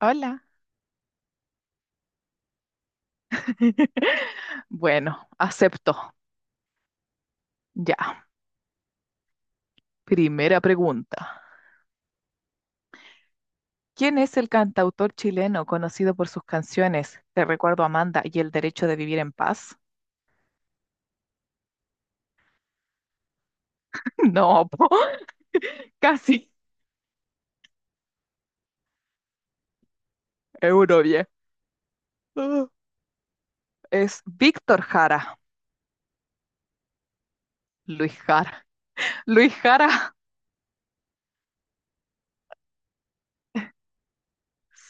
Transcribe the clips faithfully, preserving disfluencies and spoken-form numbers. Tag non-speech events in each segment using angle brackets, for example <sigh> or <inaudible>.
Hola. <laughs> Bueno, acepto. Ya. Primera pregunta. ¿Quién es el cantautor chileno conocido por sus canciones Te recuerdo Amanda y El derecho de vivir en paz? <laughs> No, po, casi. Eurovie. Ah. <gasps> Es Víctor Jara. Luis Jara. Luis Jara. <laughs>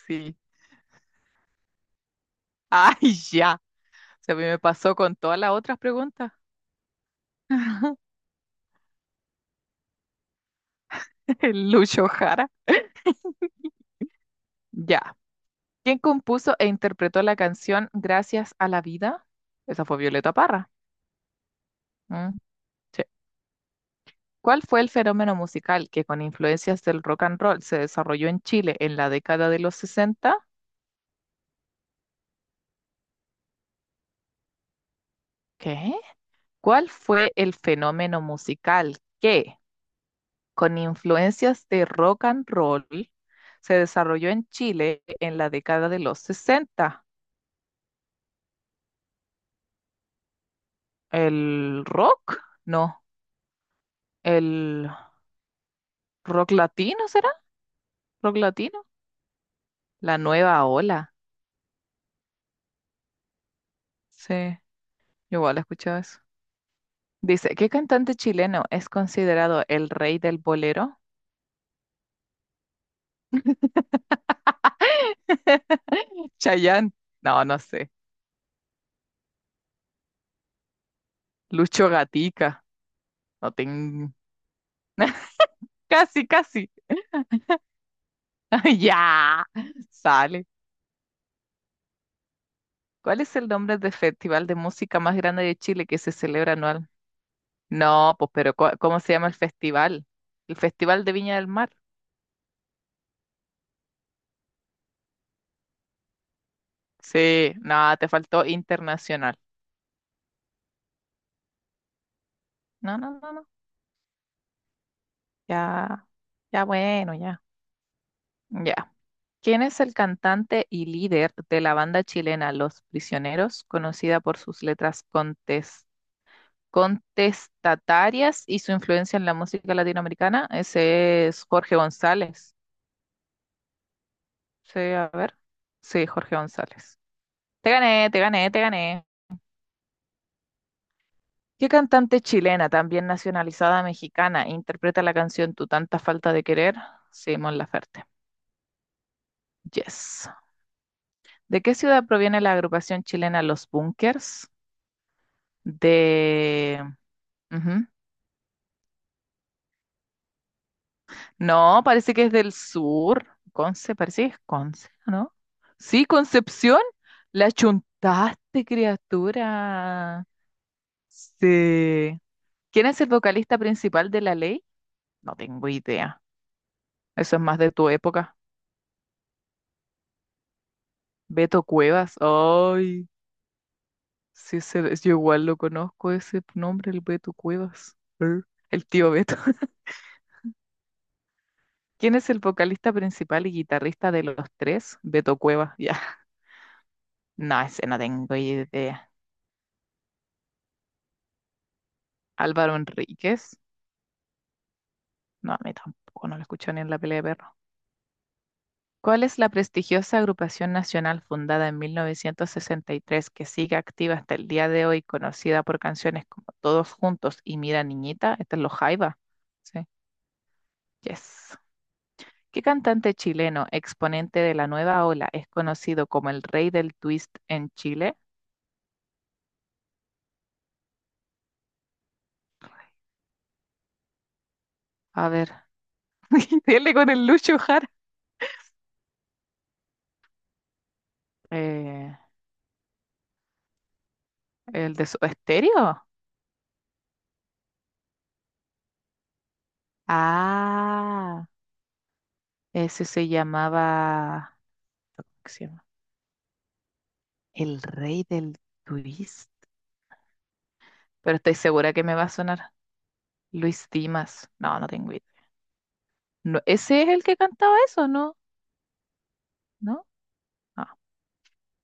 Sí. Ay, ya. Se me pasó con todas las otras preguntas. <laughs> El Lucho Jara. Ya. ¿Quién compuso e interpretó la canción Gracias a la vida? Esa fue Violeta Parra. Mm, sí. ¿Cuál fue el fenómeno musical que con influencias del rock and roll se desarrolló en Chile en la década de los sesenta? ¿Qué? ¿Cuál fue el fenómeno musical que con influencias de rock and roll se desarrolló en Chile en la década de los sesenta? ¿El rock? No. ¿El rock latino será? ¿Rock latino? La nueva ola. Sí, yo igual he escuchado eso. Dice, ¿qué cantante chileno es considerado el rey del bolero? <laughs> Chayanne. No, no sé. Lucho Gatica. No tengo... <laughs> Casi, casi. <laughs> Ya. Sale. ¿Cuál es el nombre del festival de música más grande de Chile que se celebra anual? No, pues, pero ¿cu- ¿cómo se llama el festival? El Festival de Viña del Mar. Sí, no, te faltó internacional. No, no, no, no. Ya, ya bueno, ya. Ya. ¿Quién es el cantante y líder de la banda chilena Los Prisioneros, conocida por sus letras contes- contestatarias y su influencia en la música latinoamericana? Ese es Jorge González. Sí, a ver. Sí, Jorge González. Te gané, te gané, te gané. ¿Qué cantante chilena, también nacionalizada mexicana, interpreta la canción Tu tanta falta de querer? Simón Laferte. Yes. ¿De qué ciudad proviene la agrupación chilena Los Bunkers? De... ujú, no, parece que es del sur. Conce, parece que es Conce, ¿no? Sí, Concepción. La chuntaste, criatura. Sí. ¿Quién es el vocalista principal de La Ley? No tengo idea. Eso es más de tu época. Beto Cuevas. Ay, sí, ese- yo igual lo conozco ese nombre, el Beto Cuevas. Er, El tío Beto. <laughs> ¿Quién es el vocalista principal y guitarrista de los tres? Beto Cuevas, ya. No, ese no tengo idea. Álvaro Enríquez. No, a mí tampoco, no lo escucho ni en la pelea de perro. ¿Cuál es la prestigiosa agrupación nacional fundada en mil novecientos sesenta y tres que sigue activa hasta el día de hoy, conocida por canciones como Todos Juntos y Mira Niñita? Este es los Jaiba. Sí, yes. ¿Qué cantante chileno, exponente de la nueva ola, es conocido como el rey del twist en Chile? A ver, <laughs> dele con el Lucho Jara. Eh, ¿el de su estéreo? Ah. Ese se llamaba, ¿qué se llama? El Rey del Twist. Pero estoy segura que me va a sonar Luis Dimas. No, no tengo idea. No, ¿ese es el que cantaba eso, no? ¿No? No.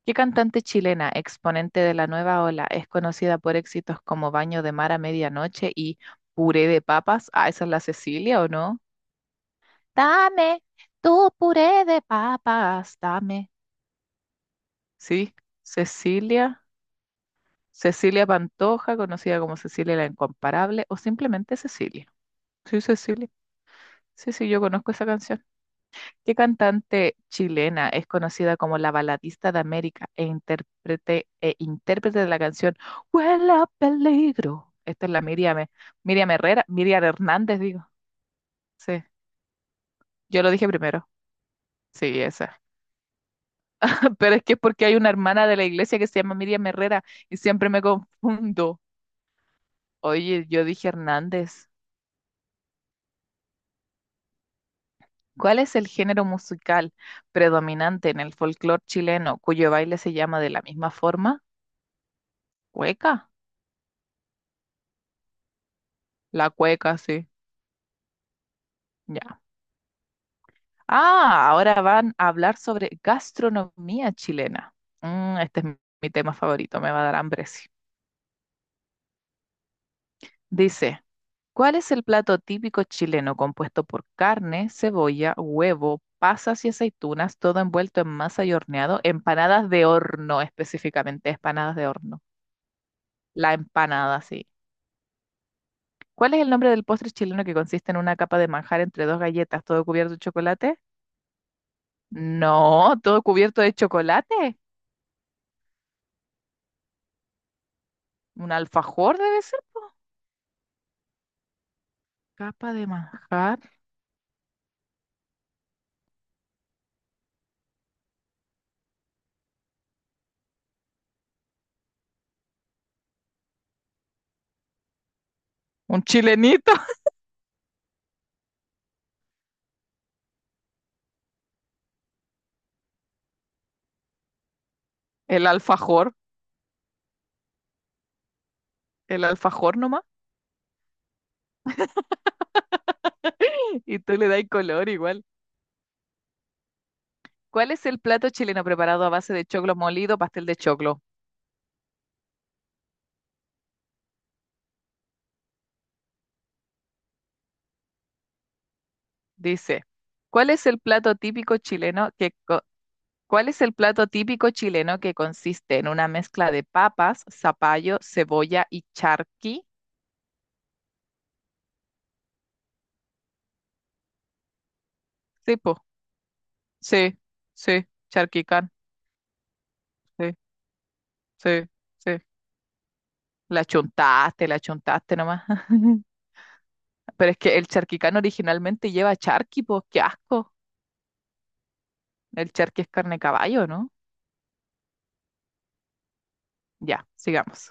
¿Qué cantante chilena, exponente de la nueva ola, es conocida por éxitos como Baño de Mar a Medianoche y Puré de Papas? Ah, ¿esa es la Cecilia o no? Dame tu puré de papas, dame. Sí, Cecilia. Cecilia Pantoja, conocida como Cecilia la Incomparable o simplemente Cecilia. Sí, Cecilia. Sí, sí, yo conozco esa canción. ¿Qué cantante chilena es conocida como la baladista de América e intérprete, e intérprete de la canción Huele a peligro? Esta es la Miriam, Miriam Herrera, Miriam Hernández, digo. Sí, yo lo dije primero. Sí, esa. <laughs> Pero es que es porque hay una hermana de la iglesia que se llama Miriam Herrera y siempre me confundo. Oye, yo dije Hernández. ¿Cuál es el género musical predominante en el folclore chileno, cuyo baile se llama de la misma forma? ¿Cueca? La cueca, sí. Ya. Ah, ahora van a hablar sobre gastronomía chilena. Mm, este es mi tema favorito, me va a dar hambre, sí. Dice, ¿cuál es el plato típico chileno compuesto por carne, cebolla, huevo, pasas y aceitunas, todo envuelto en masa y horneado? Empanadas de horno, específicamente, empanadas de horno. La empanada, sí. ¿Cuál es el nombre del postre chileno que consiste en una capa de manjar entre dos galletas, todo cubierto de chocolate? No, todo cubierto de chocolate. Un alfajor debe ser. Capa de manjar. Un chilenito. <laughs> El alfajor. El alfajor nomás. Y tú le das color igual. ¿Cuál es el plato chileno preparado a base de choclo molido, pastel de choclo? Dice, ¿cuál es el plato típico chileno que co- ¿Cuál es el plato típico chileno que consiste en una mezcla de papas, zapallo, cebolla y charqui? Tipo, sí, sí, charquicán, sí, sí, sí. La chuntaste, la chuntaste nomás. <laughs> Pero es que el charquicán originalmente lleva charqui, pues qué asco. El charqui es carne de caballo, ¿no? Ya, sigamos.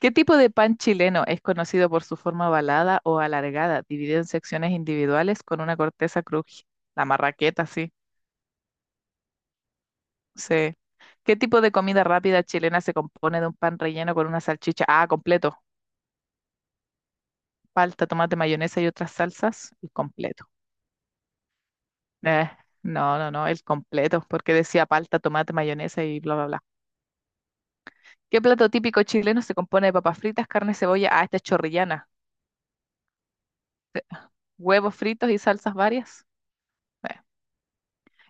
¿Qué tipo de pan chileno es conocido por su forma ovalada o alargada, dividido en secciones individuales con una corteza cruji? La marraqueta, sí, sí. ¿Qué tipo de comida rápida chilena se compone de un pan relleno con una salchicha? Ah, completo. Palta, tomate, mayonesa y otras salsas, el completo. Eh, no, no, no, el completo, porque decía palta, tomate, mayonesa y bla, bla, bla. ¿Qué plato típico chileno se compone de papas fritas, carne, cebolla? Ah, esta es chorrillana. Huevos fritos y salsas varias. Eh,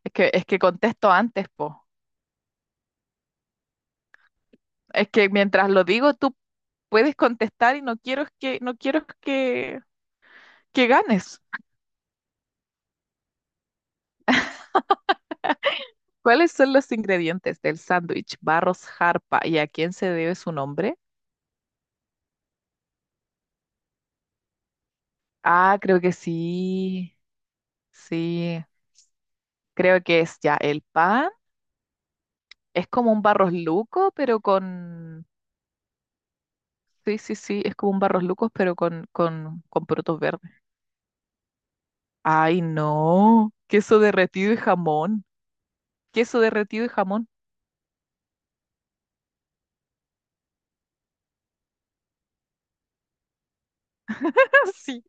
es que, es que contesto antes, po. Es que mientras lo digo, tú puedes contestar y no quiero que, no quiero que, que ganes. ¿Cuáles son los ingredientes del sándwich Barros Jarpa y a quién se debe su nombre? Ah, creo que sí. Sí, creo que es ya el pan. Es como un barros luco, pero con... Sí, sí, sí, es como un barros lucos, pero con, con, con porotos verdes. Ay, no. Queso derretido y jamón. Queso derretido y jamón. <laughs> Sí.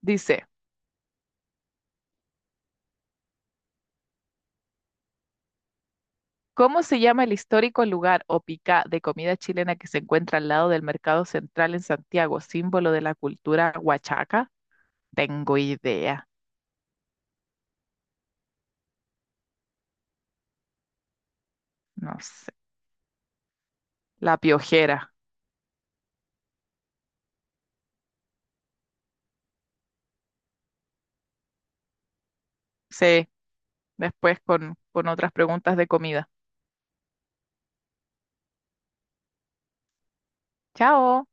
Dice, ¿cómo se llama el histórico lugar o pica de comida chilena que se encuentra al lado del Mercado Central en Santiago, símbolo de la cultura huachaca? Tengo idea. No sé. La piojera. Sí, después con, con otras preguntas de comida. Chao.